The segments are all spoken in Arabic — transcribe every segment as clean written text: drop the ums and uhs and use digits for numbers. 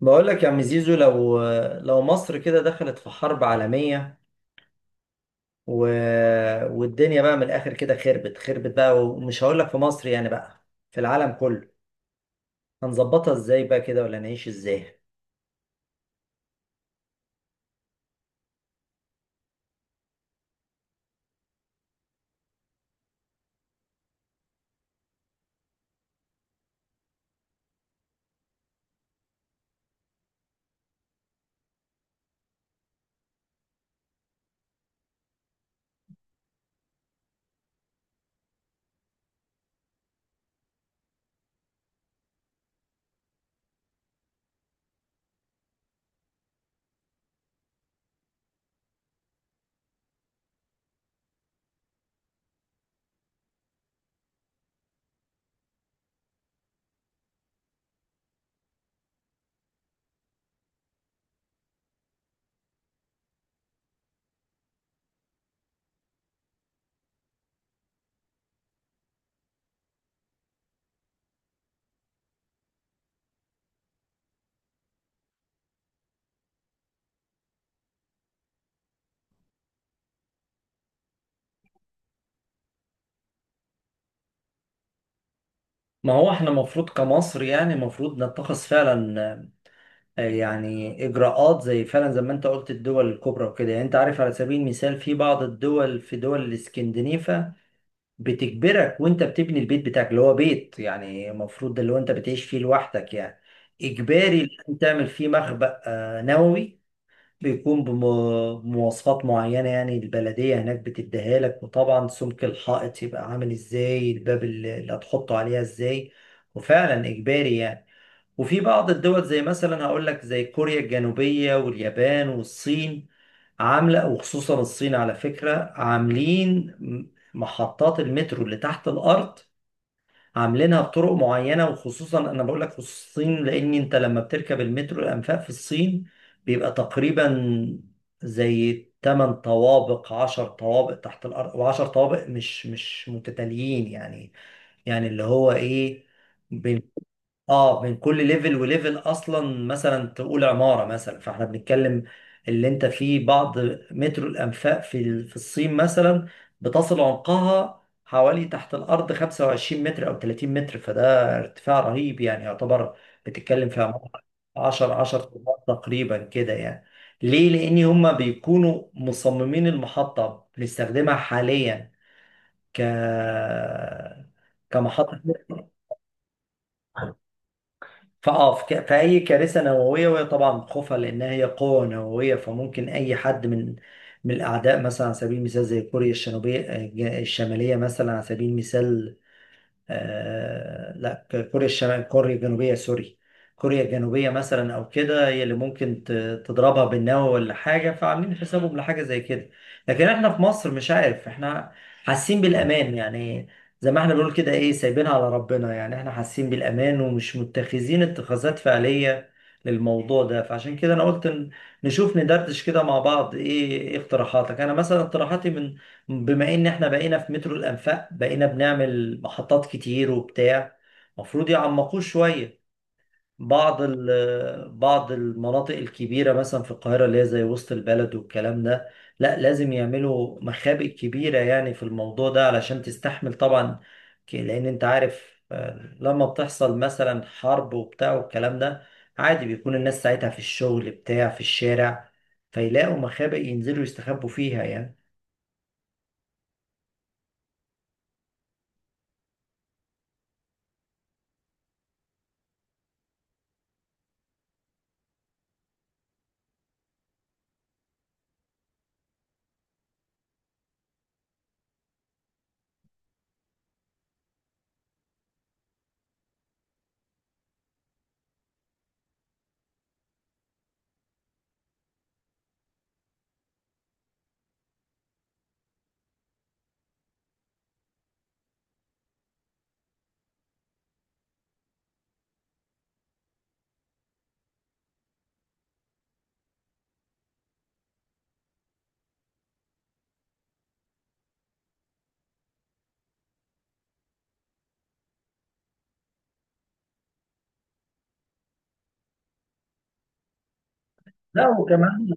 بقول لك يا عم زيزو، لو مصر كده دخلت في حرب عالمية، و... والدنيا بقى من الآخر كده خربت خربت بقى، ومش هقول لك في مصر يعني، بقى في العالم كله. هنظبطها ازاي بقى كده؟ ولا نعيش ازاي؟ ما هو احنا المفروض كمصر، يعني المفروض نتخذ فعلا، يعني إجراءات، زي فعلا زي ما انت قلت الدول الكبرى وكده. يعني انت عارف، على سبيل المثال في بعض الدول، في دول الاسكندنيفة، بتجبرك وانت بتبني البيت بتاعك اللي هو بيت، يعني المفروض ده اللي هو انت بتعيش فيه لوحدك يعني، اجباري لازم تعمل فيه مخبأ، نووي. بيكون بم- بمواصفات معينة يعني، البلدية هناك بتديها لك، وطبعا سمك الحائط يبقى عامل ازاي، الباب اللي هتحطه عليها ازاي، وفعلا اجباري يعني. وفي بعض الدول زي مثلا هقول لك زي كوريا الجنوبية واليابان والصين، عاملة. وخصوصا الصين على فكرة، عاملين محطات المترو اللي تحت الأرض عاملينها بطرق معينة. وخصوصا أنا بقول لك خصوصا الصين، لأن أنت لما بتركب المترو الأنفاق في الصين بيبقى تقريبا زي 8 طوابق 10 طوابق تحت الأرض، و10 طوابق مش متتاليين يعني. يعني اللي هو إيه، اه، من كل ليفل وليفل، اصلا مثلا تقول عماره مثلا. فاحنا بنتكلم اللي انت فيه بعض متر، الانفاق في الصين مثلا بتصل عمقها حوالي تحت الارض 25 متر او 30 متر، فده ارتفاع رهيب يعني يعتبر، بتتكلم في عماره 10 10 طوبات تقريبا كده يعني. ليه؟ لان هما بيكونوا مصممين المحطه بنستخدمها حاليا ك كمحطه، في اي كارثه نوويه. وهي طبعا خوفها لانها هي قوه نوويه، فممكن اي حد من من الاعداء، مثلا على سبيل المثال زي كوريا الشماليه مثلا على سبيل المثال. آه لا كوريا الشمال كوريا الجنوبية سوري كوريا الجنوبية مثلا أو كده، هي اللي تضربها بالنووي ولا حاجة، فعاملين حسابهم لحاجة زي كده. لكن احنا في مصر، مش عارف، احنا حاسين بالأمان يعني. زي ما احنا بنقول كده، ايه، سايبينها على ربنا يعني، احنا حاسين بالأمان، ومش متخذين اتخاذات فعلية للموضوع ده. فعشان كده انا قلت نشوف ندردش كده مع بعض. ايه إيه اقتراحاتك؟ انا مثلا اقتراحاتي، من بما ان احنا بقينا في مترو الانفاق بقينا بنعمل محطات كتير وبتاع، المفروض يعمقوه شويه. بعض المناطق الكبيره مثلا في القاهره، اللي هي زي وسط البلد والكلام ده، لا لازم يعملوا مخابئ كبيره يعني في الموضوع ده علشان تستحمل طبعا. لان انت عارف لما بتحصل مثلا حرب وبتاع والكلام ده، عادي بيكون الناس ساعتها في الشغل بتاع في الشارع، فيلاقوا مخابئ ينزلوا يستخبوا فيها يعني. لا، وكمان،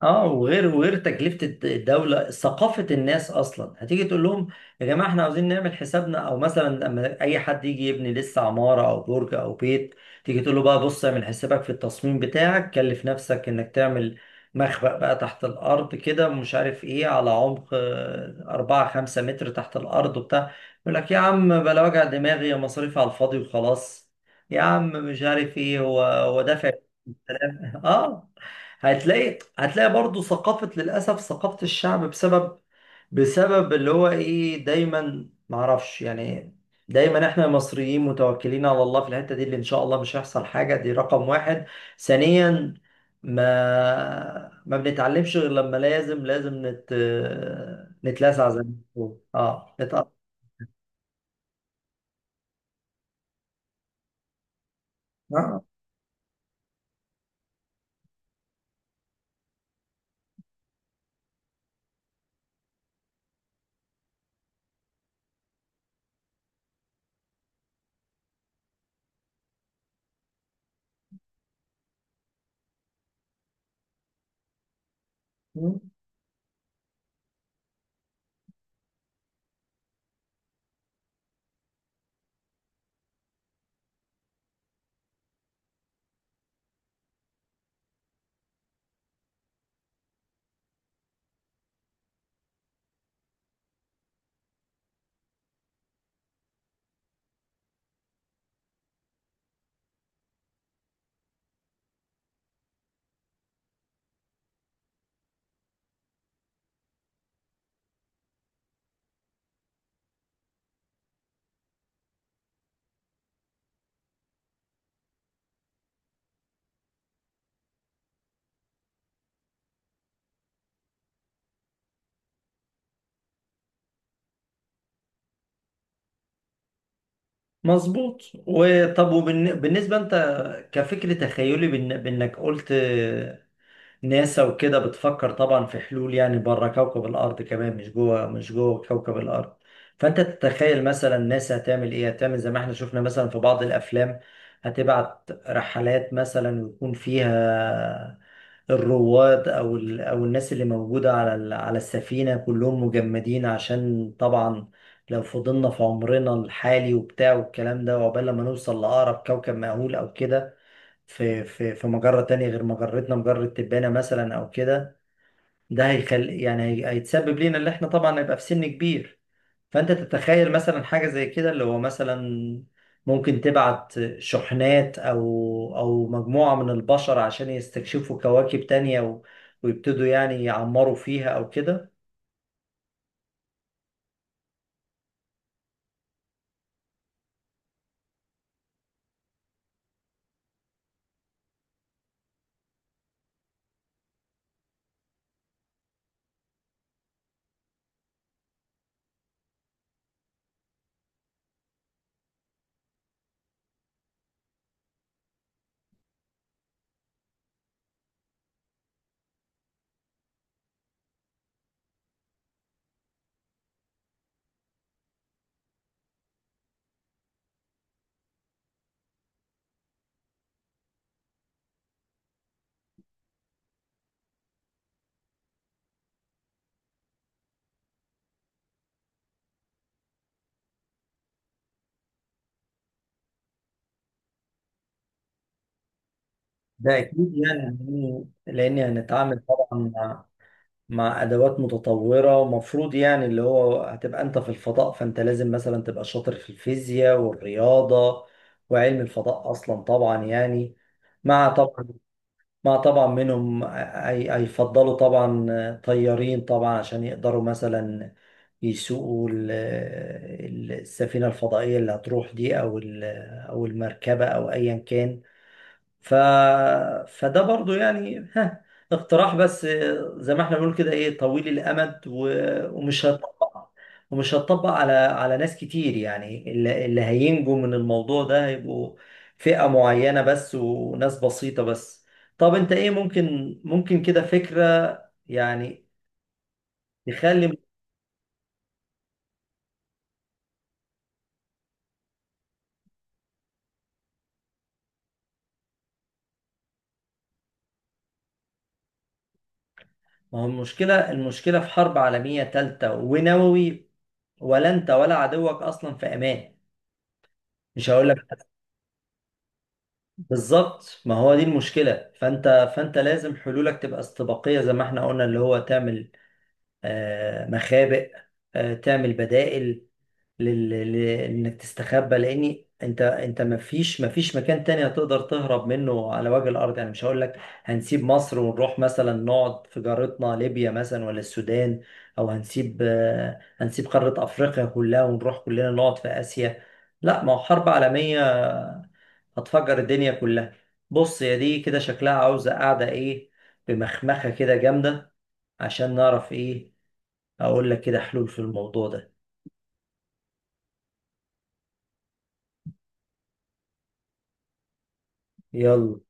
اه، وغير تكلفة الدولة ثقافة الناس اصلا. هتيجي تقول لهم يا جماعة احنا عاوزين نعمل حسابنا، او مثلا لما اي حد يجي يبني لسه عمارة او برج او بيت، تيجي تقول له بقى بص اعمل حسابك في التصميم بتاعك، كلف نفسك انك تعمل مخبأ بقى تحت الارض كده، مش عارف ايه، على عمق 4 5 متر تحت الارض وبتاع، يقول لك يا عم بلا وجع دماغي، يا مصاريف على الفاضي وخلاص. يا عم مش عارف ايه، هو دافع. اه، هتلاقي هتلاقي برضو ثقافة، للأسف ثقافة الشعب، بسبب اللي هو ايه، دايما معرفش يعني، دايما احنا المصريين متوكلين على الله في الحتة دي، اللي ان شاء الله مش هيحصل حاجة، دي رقم واحد. ثانيا، ما ما بنتعلمش غير لما لازم، لازم نتلسع زي ما بنقول. اه، نتقطع آه. مظبوط. وطب وبالنسبة انت كفكر، تخيلي بانك قلت ناسا وكده بتفكر طبعا في حلول يعني بره كوكب الأرض كمان، مش جوه مش جوه كوكب الأرض. فأنت تتخيل مثلا ناسا هتعمل إيه؟ هتعمل زي ما احنا شفنا مثلا في بعض الأفلام، هتبعت رحلات مثلا، ويكون فيها الرواد أو الناس اللي موجودة على السفينة كلهم مجمدين، عشان طبعا لو فضلنا في عمرنا الحالي وبتاع والكلام ده، وعقبال لما نوصل لأقرب كوكب مأهول أو كده في في مجرة تانية غير مجرتنا، مجرة تبانة مثلا أو كده، ده هيخل يعني هيتسبب لينا، اللي احنا طبعا هيبقى في سن كبير. فأنت تتخيل مثلا حاجة زي كده، اللي هو مثلا ممكن تبعت شحنات، أو أو مجموعة من البشر، عشان يستكشفوا كواكب تانية، ويبتدوا يعني يعمروا فيها أو كده. ده أكيد يعني، لأن لأن هنتعامل طبعا مع ادوات متطوره، ومفروض يعني اللي هو، هتبقى انت في الفضاء، فانت لازم مثلا تبقى شاطر في الفيزياء والرياضه وعلم الفضاء اصلا طبعا يعني. مع طبعا منهم هيفضلوا طبعا طيارين طبعا، عشان يقدروا مثلا يسوقوا السفينه الفضائيه اللي هتروح دي، او المركبه او ايا كان. ف... فده برضو يعني ها، اقتراح بس، زي ما احنا بنقول كده ايه، طويل الامد، ومش هيطبق، ومش هتطبق على على ناس كتير يعني. اللي، اللي هينجوا من الموضوع ده هيبقوا فئة معينة بس، وناس بسيطة بس. طب انت ايه؟ ممكن كده فكرة يعني تخلي. ما هو المشكلة في حرب عالمية تالتة ونووي، ولا انت ولا عدوك اصلا في امان. مش هقول لك. بالظبط، ما هو دي المشكلة. فانت لازم حلولك تبقى استباقية، زي ما احنا قلنا، اللي هو تعمل مخابئ، تعمل بدائل انك تستخبى، لان انت انت ما فيش مكان تاني هتقدر تهرب منه على وجه الارض يعني. مش هقول لك هنسيب مصر ونروح مثلا نقعد في جارتنا ليبيا مثلا، ولا السودان، او هنسيب هنسيب قارة افريقيا كلها ونروح كلنا نقعد في اسيا. لا، ما هو حرب عالمية هتفجر الدنيا كلها. بص، يا دي كده شكلها عاوزة قاعدة ايه، بمخمخة كده جامدة، عشان نعرف ايه، اقول لك كده حلول في الموضوع ده. يلا.